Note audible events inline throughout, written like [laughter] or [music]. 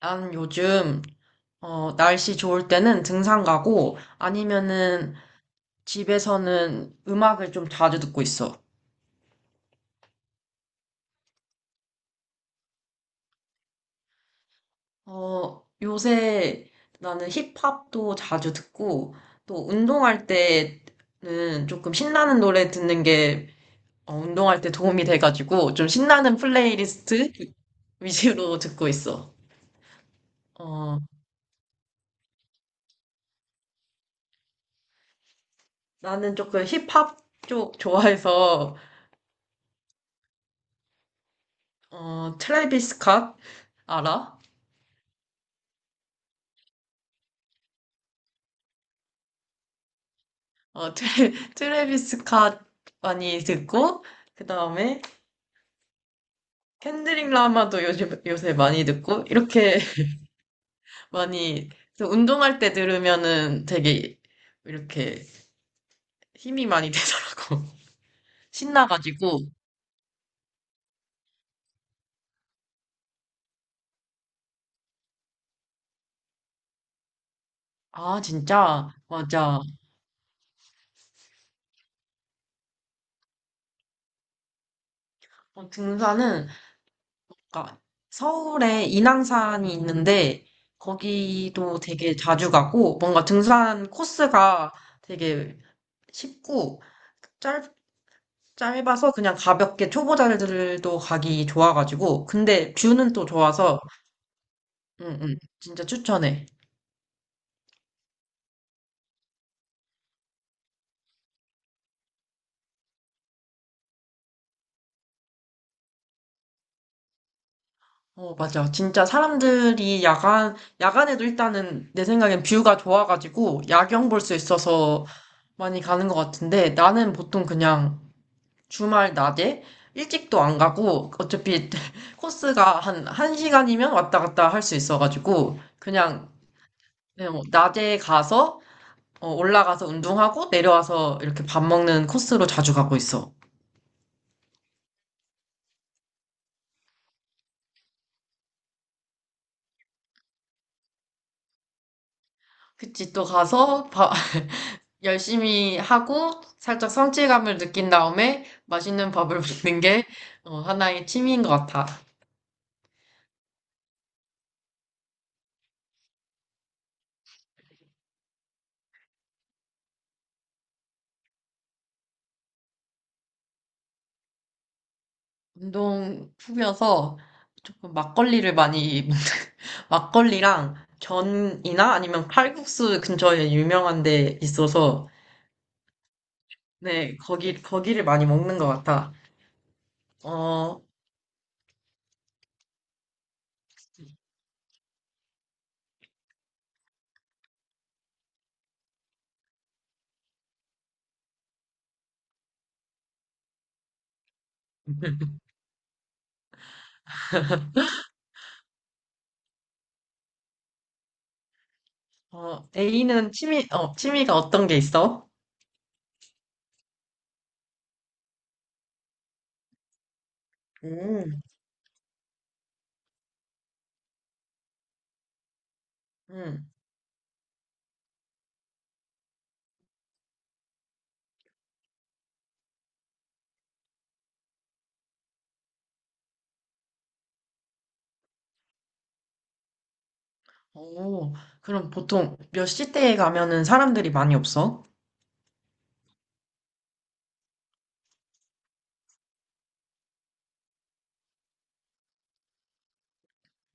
난 요즘, 날씨 좋을 때는 등산 가고, 아니면은 집에서는 음악을 좀 자주 듣고 있어. 요새 나는 힙합도 자주 듣고, 또 운동할 때는 조금 신나는 노래 듣는 게, 운동할 때 도움이 돼가지고, 좀 신나는 플레이리스트 [laughs] 위주로 듣고 있어. 어, 나는 조금 힙합 쪽 좋아해서, 트래비스 스캇 알아? [laughs] 트래비스 캇 많이 듣고, 그 다음에 켄드릭 라마도 요새 많이 듣고, 이렇게 [laughs] 많이, 그래서 운동할 때 들으면은 되게 이렇게 힘이 많이 [laughs] 되더라고. 신나가지고. 아, 진짜? 맞아. 등산은, 그러니까 서울에 인왕산이 있는데, 거기도 되게 자주 가고, 뭔가 등산 코스가 되게 쉽고, 짧아서 그냥 가볍게 초보자들도 가기 좋아가지고 근데 뷰는 또 좋아서 응응 진짜 추천해. 어 맞아 진짜 사람들이 야간에도 일단은 내 생각엔 뷰가 좋아가지고 야경 볼 수 있어서 많이 가는 것 같은데 나는 보통 그냥 주말 낮에 일찍도 안 가고 어차피 [laughs] 코스가 한 1시간이면 왔다 갔다 할 수 있어가지고 그냥 뭐 낮에 가서 올라가서 운동하고 내려와서 이렇게 밥 먹는 코스로 자주 가고 있어. 그치, 또 가서 밥 [laughs] 열심히 하고 살짝 성취감을 느낀 다음에 맛있는 밥을 [laughs] 먹는 게 하나의 취미인 것 같아. 운동 후면서 조금 막걸리를 많이 [laughs] 먹는, 막걸리랑 전이나 아니면 칼국수 근처에 유명한 데 있어서 네, 거기를 많이 먹는 것 같아. 어, 어, A는 취미가 어떤 게 있어? 음, 음. 오, 그럼 보통 몇 시대에 가면은 사람들이 많이 없어?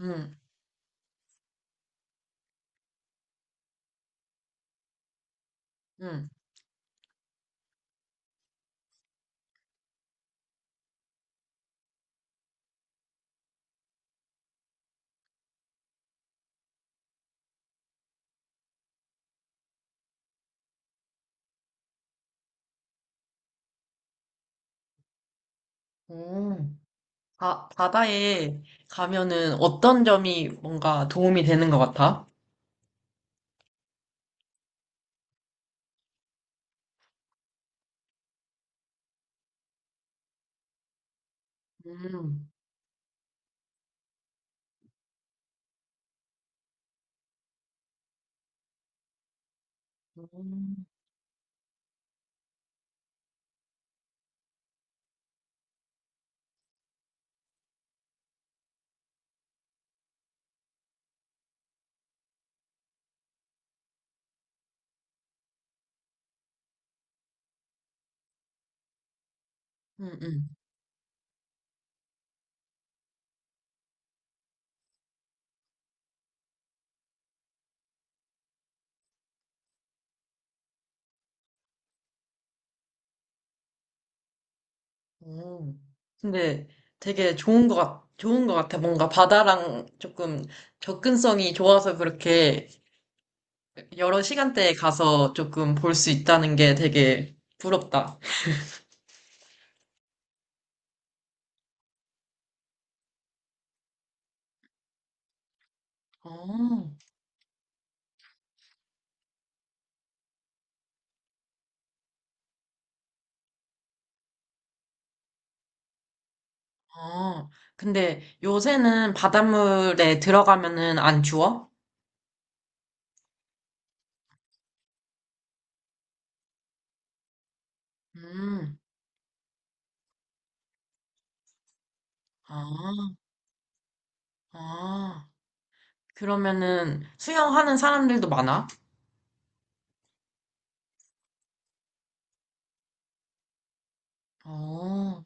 음, 음. 오. 아, 바다에 가면은 어떤 점이 뭔가 도움이 되는 것 같아? 음, 음, 음, 음. 오. 근데 되게 좋은 것 같아. 뭔가 바다랑 조금 접근성이 좋아서 그렇게 여러 시간대에 가서 조금 볼 수 있다는 게 되게 부럽다. 어. 어, 근데 요새는 바닷물에 들어가면은 안 추워? 음, 아, 아. 그러면은 수영하는 사람들도 많아? 어,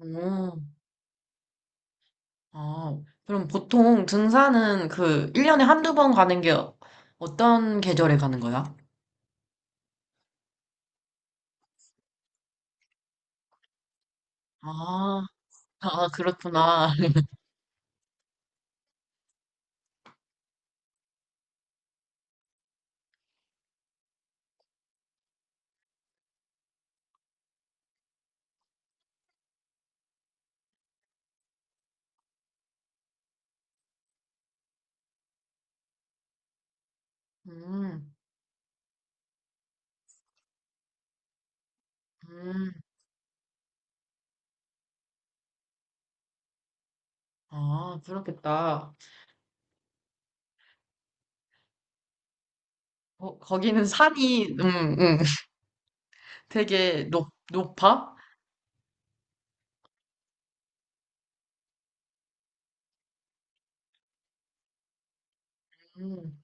어, 아. 그럼 보통 등산은 그 1년에 한두 번 가는 게 어떤 계절에 가는 거야? 아, 아, 그렇구나. [laughs] 음, 음, 아, 그렇겠다. 어, 거기는 [laughs] 되게 높아? 음,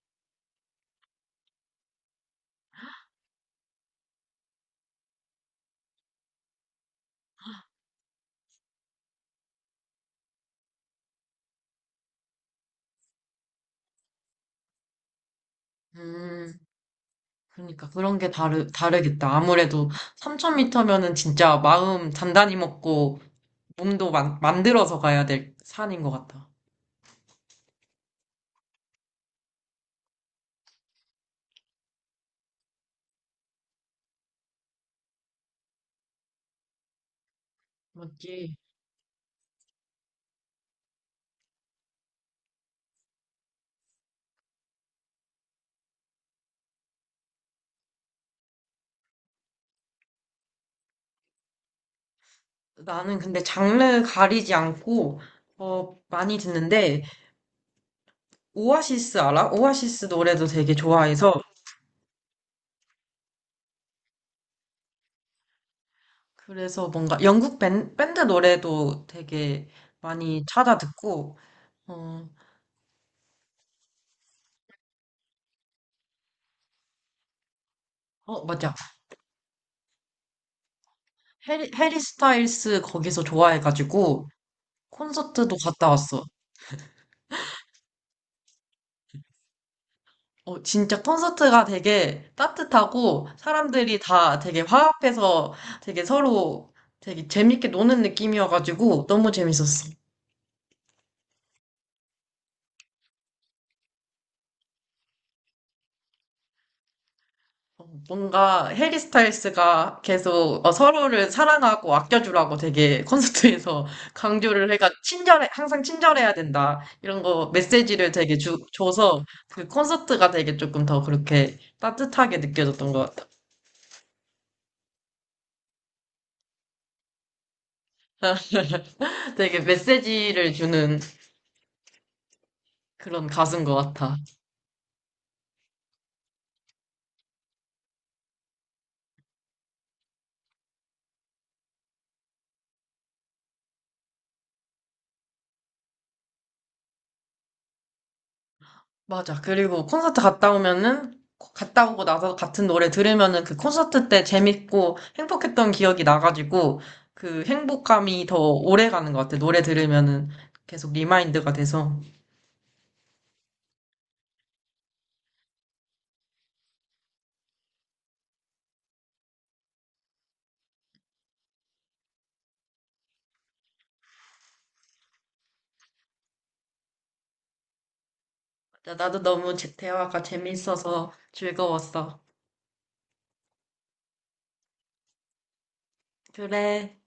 음. 그러니까 그런 게 다르겠다. 아무래도 3,000m면은 진짜 마음 단단히 먹고 몸도 만들어서 가야 될 산인 것 같아. 맞지. 나는 근데 장르 가리지 않고 많이 듣는데 오아시스 알아? 오아시스 노래도 되게 좋아해서 그래서 뭔가 영국 밴드 노래도 되게 많이 찾아 듣고 어, 어 맞아. 해리 스타일스 거기서 좋아해가지고 콘서트도 갔다 왔어. 어, 진짜 콘서트가 되게 따뜻하고 사람들이 다 되게 화합해서 되게 서로 되게 재밌게 노는 느낌이어가지고 너무 재밌었어. 어, 뭔가 해리 스타일스가 계속 서로를 사랑하고 아껴주라고 되게 콘서트에서 [laughs] 강조를 해가 친절해, 항상 친절해야 된다. 이런 거 메시지를 되게 줘서 그 콘서트가 되게 조금 더 그렇게 따뜻하게 느껴졌던 것 같아. [laughs] 되게 메시지를 주는 그런 가수인 것 같아. 맞아. 그리고 갔다 오고 나서 같은 노래 들으면은 그 콘서트 때 재밌고 행복했던 기억이 나가지고 그 행복감이 더 오래 가는 것 같아. 노래 들으면은 계속 리마인드가 돼서. 맞아, 나도 대화가 재밌어서 즐거웠어. 그래.